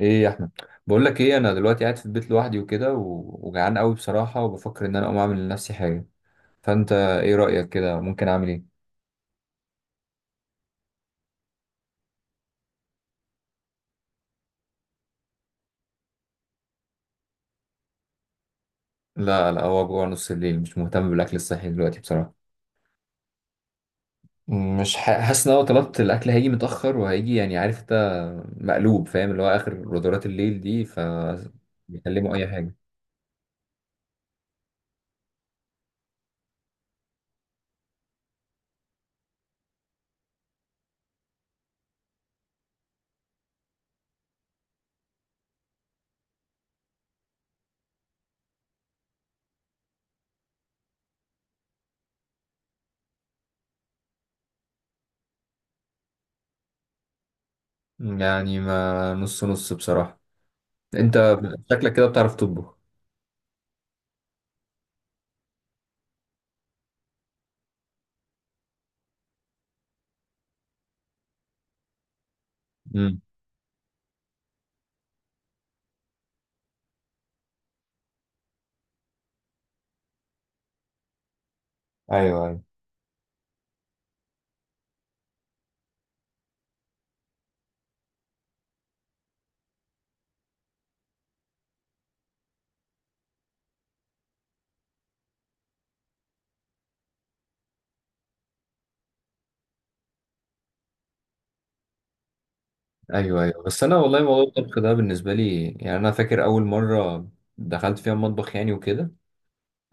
ايه يا احمد؟ بقول لك ايه، انا دلوقتي قاعد في البيت لوحدي وكده، وجعان قوي بصراحه، وبفكر ان انا اقوم اعمل لنفسي حاجه. فانت ايه رايك كده؟ ممكن اعمل ايه؟ لا لا، هو جوع نص الليل، مش مهتم بالاكل الصحي دلوقتي بصراحه. مش حاسس ان انا لو طلبت الاكل هيجي متاخر، وهيجي يعني، عارف انت. مقلوب، فاهم؟ اللي هو اخر غدرات الليل دي، بيكلموا اي حاجه. يعني ما نص نص بصراحه. انت شكلك كده بتعرف تطبخ. امم. ايوه أيوة. ايوه ايوه، بس انا والله موضوع الطبخ ده بالنسبه لي، يعني انا فاكر اول مره دخلت فيها المطبخ، يعني وكده.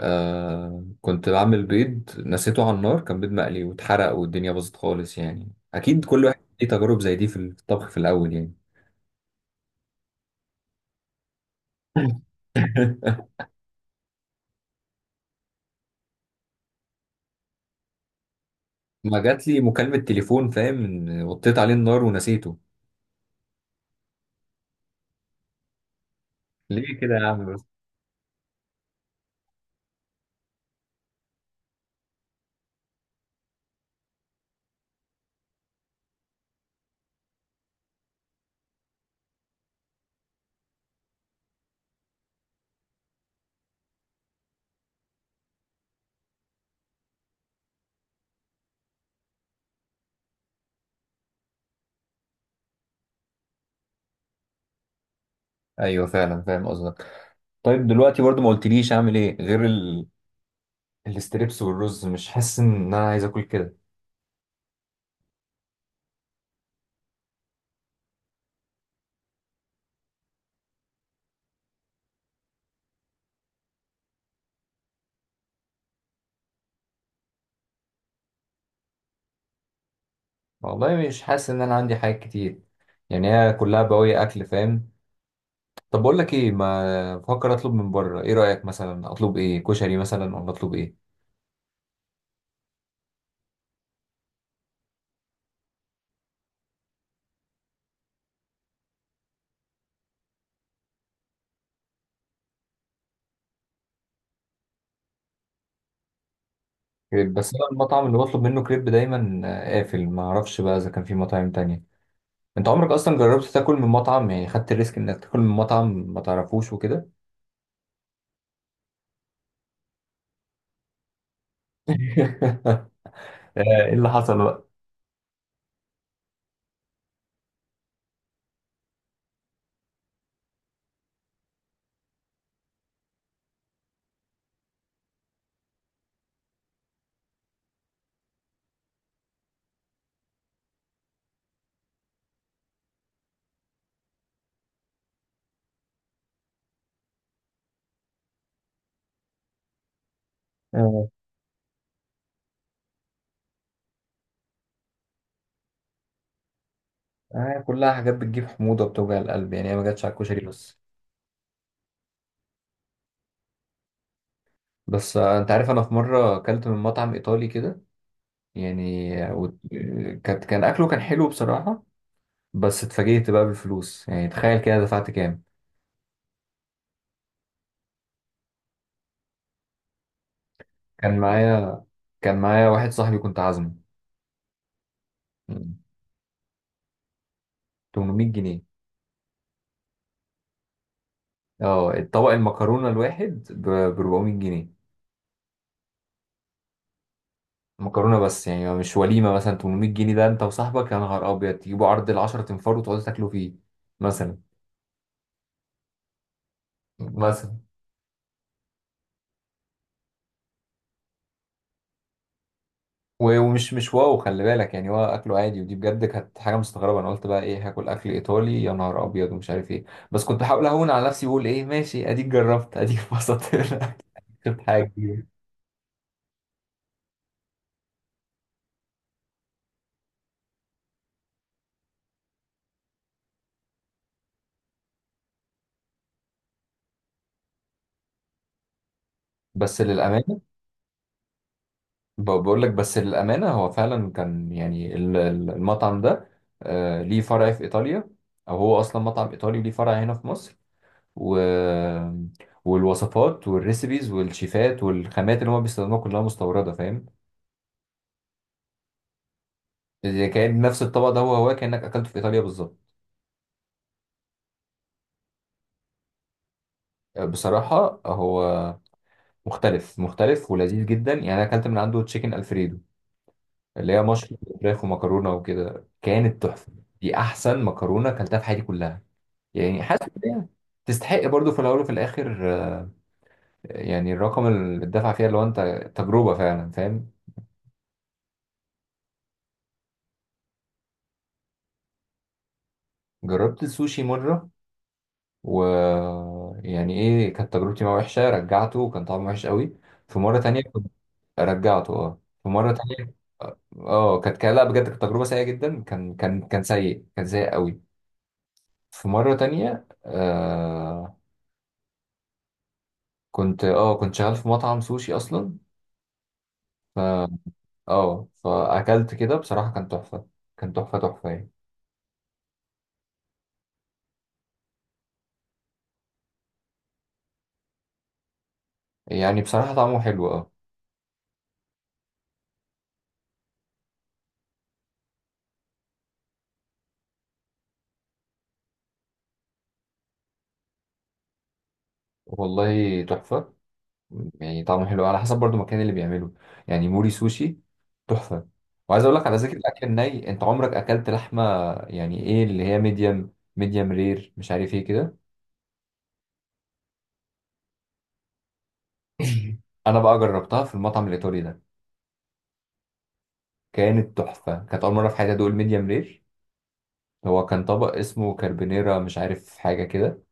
كنت بعمل بيض نسيته على النار، كان بيض مقلي واتحرق والدنيا باظت خالص، يعني اكيد كل واحد ليه تجارب زي دي في الطبخ في الاول يعني. ما جات لي مكالمه تليفون، فاهم؟ إن وطيت عليه النار ونسيته. ليه كده يا عم بس؟ ايوه فعلا فاهم قصدك. طيب دلوقتي برضو ما قلتليش اعمل ايه غير الاستريبس والرز. مش حاسس ان انا عايز اكل كده. والله مش حاسس ان انا عندي حاجات كتير، يعني هي كلها بواقي اكل، فاهم. طب بقول لك ايه، ما بفكر اطلب من بره. ايه رايك مثلا؟ اطلب ايه؟ كشري مثلا؟ ولا اطلب ايه؟ كريب. بس انا المطعم اللي بطلب منه كريب دايما قافل، ما اعرفش بقى اذا كان في مطاعم تانية. انت عمرك اصلا جربت تاكل من مطعم؟ يعني خدت الريسك انك تاكل من مطعم ما تعرفوش وكده؟ آه، ايه اللي حصل بقى؟ آه. كلها حاجات بتجيب حموضه بتوجع القلب، يعني هي ما جاتش على الكشري بس. بس انت عارف انا في مره اكلت من مطعم ايطالي كده، يعني كان اكله كان حلو بصراحه. بس اتفاجئت بقى بالفلوس، يعني تخيل كده دفعت كام؟ كان معايا، واحد صاحبي كنت عازمه. مم. 800 جنيه. اه طبق المكرونه الواحد ب 400 جنيه. مكرونه بس يعني؟ مش وليمه. مثلا 800 جنيه، ده انت وصاحبك يا نهار ابيض تجيبوا عرض ال 10 تنفار وتقعدوا تاكلوا فيه مثلا، مثلا ومش مش واو، خلي بالك يعني هو اكله عادي، ودي بجد كانت حاجه مستغربه. انا قلت بقى ايه، هاكل اكل ايطالي يا نهار ابيض، ومش عارف ايه. بس كنت بحاول اهون على نفسي بقول ايه، ماشي، اديك جربت اديك اتبسطت. شفت حاجه جديده؟ بس للامانه، بقول لك، بس للامانه، هو فعلا كان يعني المطعم ده ليه فرع في ايطاليا، او هو اصلا مطعم ايطالي ليه فرع هنا في مصر. و والوصفات والريسبيز والشيفات والخامات اللي هم بيستخدموها كلها مستورده، فاهم؟ إذا كان نفس الطبق ده، هو هو كأنك أكلته في إيطاليا بالظبط. بصراحة هو مختلف، مختلف ولذيذ جدا، يعني أنا أكلت من عنده تشيكن ألفريدو، اللي هي مشروم وفراخ ومكرونة وكده، كانت تحفة. دي أحسن مكرونة أكلتها في حياتي كلها، يعني حاسس إن هي تستحق برضو، في الأول وفي الآخر، يعني الرقم اللي اتدفع فيها، اللي هو أنت تجربة فعلا، فاهم. جربت السوشي مرة، و يعني إيه كانت تجربتي معاه، وحشة. رجعته وكان طعمه وحش قوي. في مرة تانية كنت، رجعته اه، في مرة تانية. اه كانت لا بجد كانت تجربه سيئه جدا، كان سيء، كان سيء قوي. في مره تانية آه، كنت شغال في مطعم سوشي اصلا، ف اه فاكلت كده بصراحه كان تحفه. كان تحفه، تحفه يعني. يعني بصراحه طعمه حلو، اه. والله تحفه، يعني طعمه حلو على حسب برضو المكان اللي بيعمله. يعني موري سوشي، تحفه. وعايز اقول لك على ذكر الاكل الني، انت عمرك اكلت لحمه؟ يعني ايه، اللي هي ميديم رير، مش عارف ايه كده؟ انا بقى جربتها في المطعم الايطالي ده، كانت تحفه. كانت اول مره في حياتي ادوق الميديم رير. هو كان طبق اسمه كاربونيرا، مش عارف حاجه كده.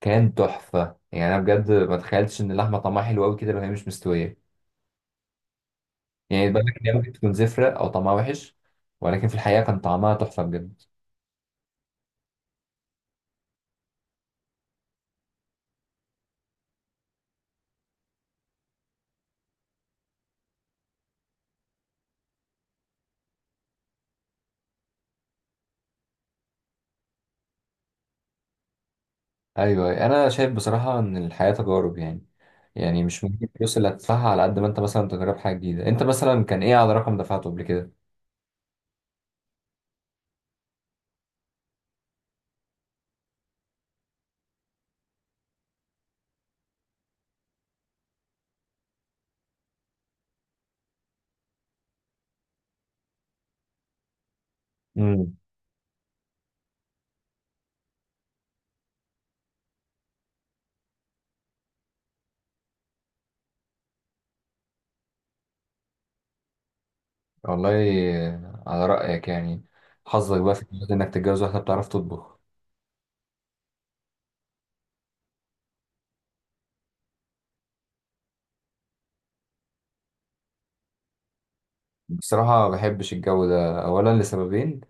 كان تحفه، يعني انا بجد ما تخيلتش ان اللحمه طعمها حلو قوي كده لو هي مش مستويه. يعني بالك ان هي ممكن تكون زفره او طعمها وحش، ولكن في الحقيقه كان طعمها تحفه بجد. ايوه انا شايف بصراحه ان الحياه تجارب يعني، يعني مش ممكن الفلوس اللي هتدفعها على قد ما انت مثلا تجرب حاجه جديده. انت مثلا كان ايه على رقم دفعته قبل كده؟ والله، على رأيك يعني. حظك بقى في الجواز إنك تتجوز واحدة بتعرف تطبخ. بصراحة ما بحبش الجو ده، أولا لسببين.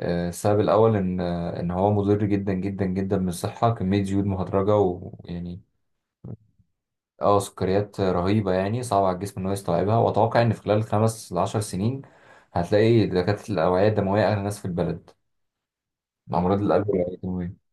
السبب الأول إن إن هو مضر جدا جدا جدا بالصحة، كمية زيوت مهدرجة ويعني اه سكريات رهيبة، يعني صعب على الجسم إن هو يستوعبها. وأتوقع إن في خلال 5 ل10 سنين، هتلاقي دكاترة الأوعية الدموية أغنى ناس في البلد، مع أمراض القلب والأوعية الدموية.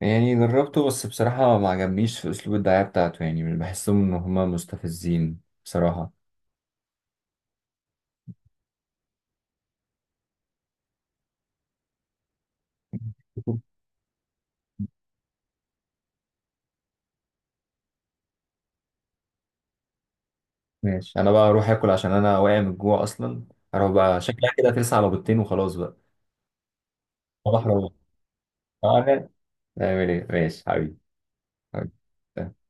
يعني جربته، بس بصراحة ما عجبنيش في أسلوب الدعاية بتاعته، يعني مش بحسهم إن هما مستفزين بصراحة. ماشي، أنا بقى أروح آكل عشان أنا واقع من الجوع أصلا. أروح بقى، شكلها كده ترسى على بيضتين وخلاص بقى. صباح روح. أعمل أعمل إيه؟ ماشي حبيبي، حبيبي.